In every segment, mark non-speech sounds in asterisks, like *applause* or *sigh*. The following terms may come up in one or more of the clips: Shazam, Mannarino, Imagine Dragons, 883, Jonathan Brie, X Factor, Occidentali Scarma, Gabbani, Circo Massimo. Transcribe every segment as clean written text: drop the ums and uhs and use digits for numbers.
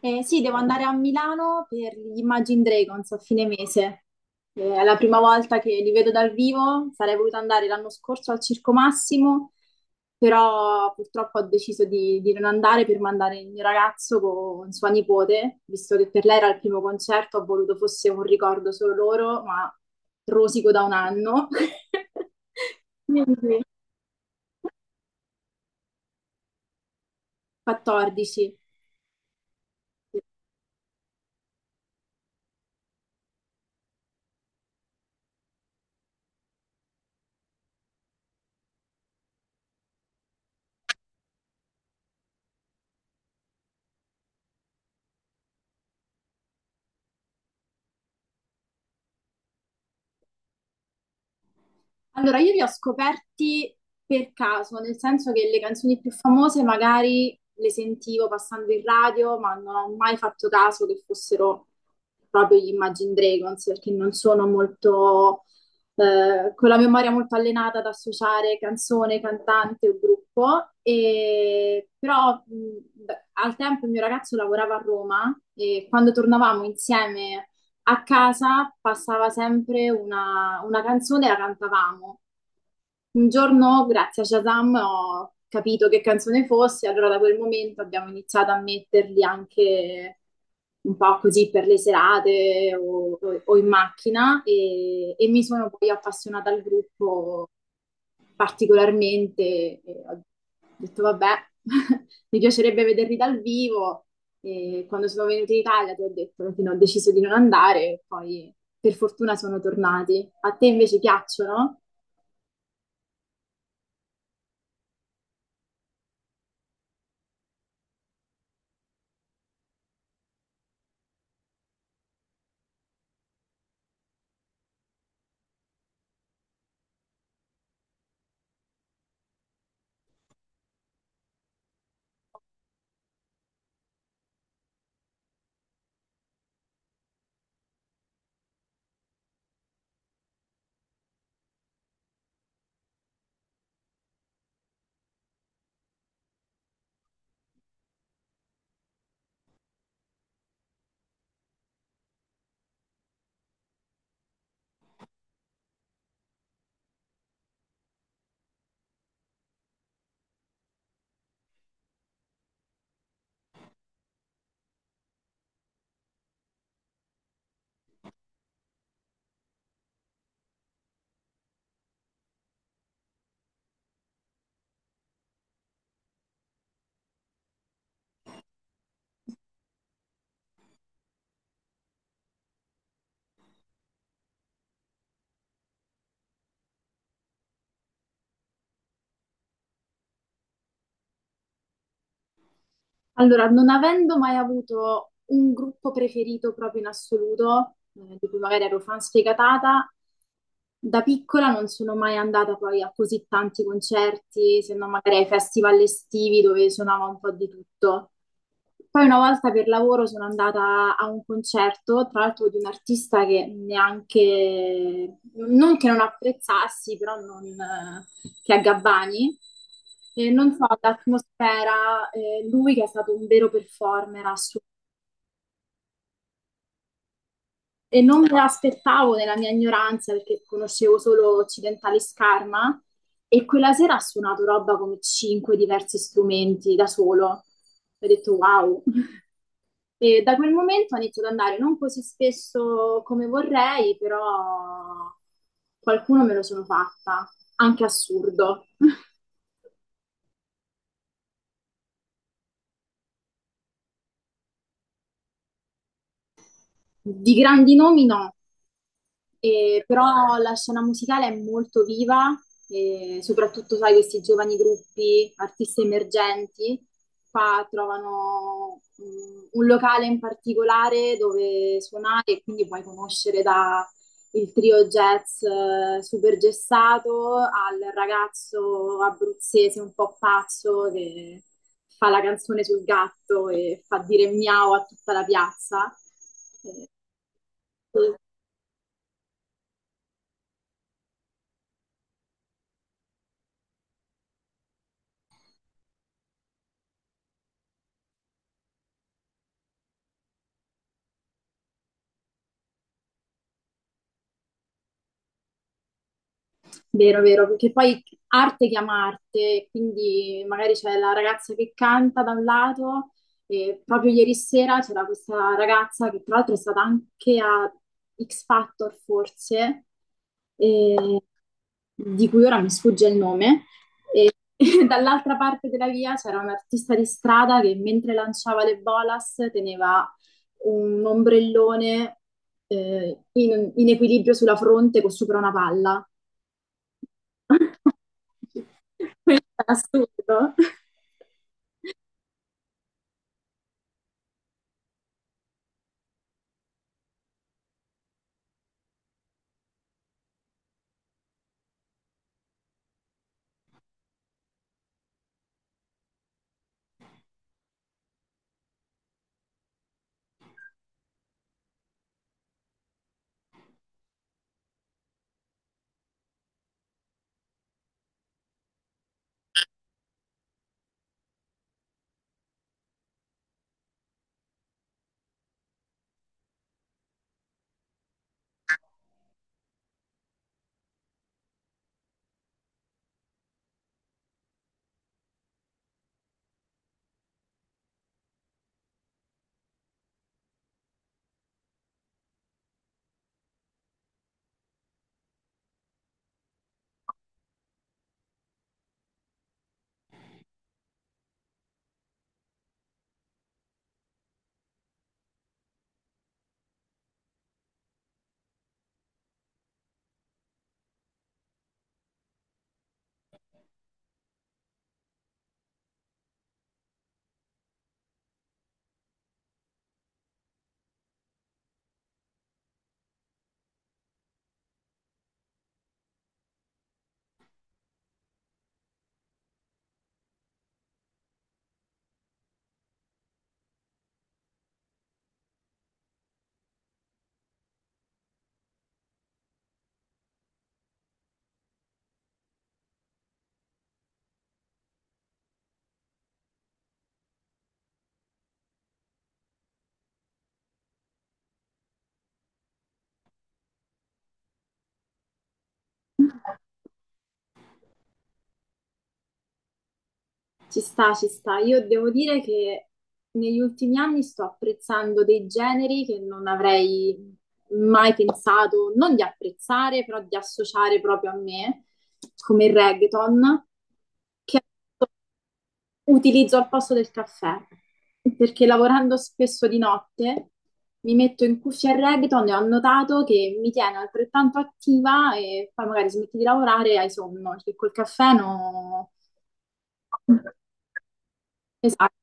Sì, Devo andare a Milano per gli Imagine Dragons a fine mese. È la prima volta che li vedo dal vivo, sarei voluta andare l'anno scorso al Circo Massimo, però purtroppo ho deciso di non andare per mandare il mio ragazzo con sua nipote, visto che per lei era il primo concerto, ho voluto fosse un ricordo solo loro, ma rosico da un anno. *laughs* Quindi 14. Allora, io li ho scoperti per caso, nel senso che le canzoni più famose magari le sentivo passando in radio, ma non ho mai fatto caso che fossero proprio gli Imagine Dragons, perché non sono molto, con la memoria molto allenata ad associare canzone, cantante o gruppo. Però, al tempo il mio ragazzo lavorava a Roma e quando tornavamo insieme a casa passava sempre una canzone e la cantavamo. Un giorno, grazie a Shazam, ho capito che canzone fosse, allora da quel momento abbiamo iniziato a metterli anche un po' così per le serate o in macchina e mi sono poi appassionata al gruppo particolarmente e ho detto vabbè, *laughs* mi piacerebbe vederli dal vivo e quando sono venuti in Italia ti ho detto che no, ho deciso di non andare, poi per fortuna sono tornati. A te invece piacciono? Allora, non avendo mai avuto un gruppo preferito proprio in assoluto, di cui magari ero fan sfegatata, da piccola non sono mai andata poi a così tanti concerti, se non magari ai festival estivi dove suonava un po' di tutto. Poi una volta per lavoro sono andata a un concerto, tra l'altro di un artista che neanche, non che non apprezzassi, però non, che è Gabbani. E non so, l'atmosfera, lui che è stato un vero performer assu- E non me l'aspettavo nella mia ignoranza perché conoscevo solo Occidentali Scarma e quella sera ha suonato roba come cinque diversi strumenti da solo. Ho detto wow. E da quel momento ho iniziato ad andare non così spesso come vorrei, però qualcuno me lo sono fatta, anche assurdo. *laughs* Di grandi nomi no. E però la scena musicale è molto viva, e soprattutto, sai, questi giovani gruppi, artisti emergenti, qua trovano mm, un locale in particolare dove suonare e quindi puoi conoscere da il trio jazz super gessato al ragazzo abruzzese un po' pazzo che fa la canzone sul gatto e fa dire miau a tutta la piazza. Eh, Vero, vero, perché poi arte chiama arte, quindi magari c'è la ragazza che canta da un lato, e proprio ieri sera c'era questa ragazza che tra l'altro è stata anche a X Factor forse, e- di cui ora mi sfugge il nome, *laughs* e dall'altra parte della via c'era un artista di strada che mentre lanciava le bolas teneva un ombrellone in equilibrio sulla fronte con sopra una palla. *laughs* Questo è assurdo. Ci sta, ci sta. Io devo dire che negli ultimi anni sto apprezzando dei generi che non avrei mai pensato, non di apprezzare, però di associare proprio a me, come il reggaeton, che utilizzo al posto del caffè, perché lavorando spesso di notte mi metto in cuffia il reggaeton e ho notato che mi tiene altrettanto attiva e poi magari smetti di lavorare e hai sonno, perché col caffè no... Esatto.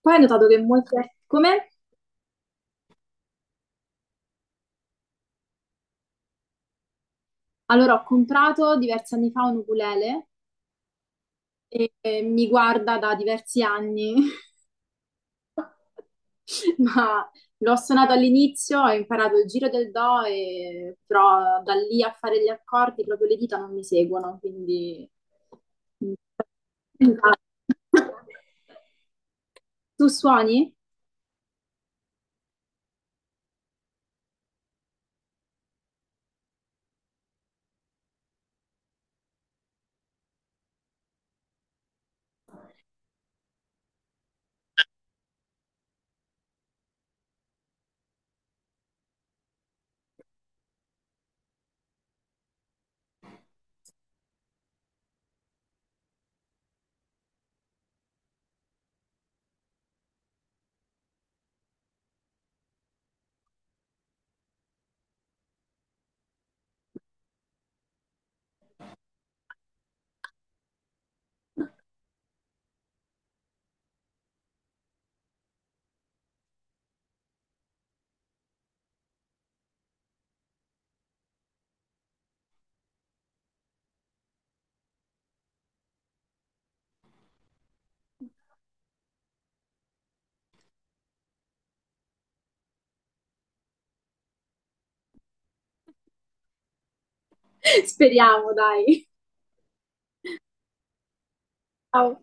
Poi ho notato che molte... Come? Allora ho comprato diversi anni fa un ukulele e mi guarda da diversi anni. Ma l'ho suonato all'inizio, ho imparato il giro del do, e- però da lì a fare gli accordi proprio le dita non mi seguono, quindi... *laughs* Tu suoni? *laughs* Speriamo, dai. Ciao.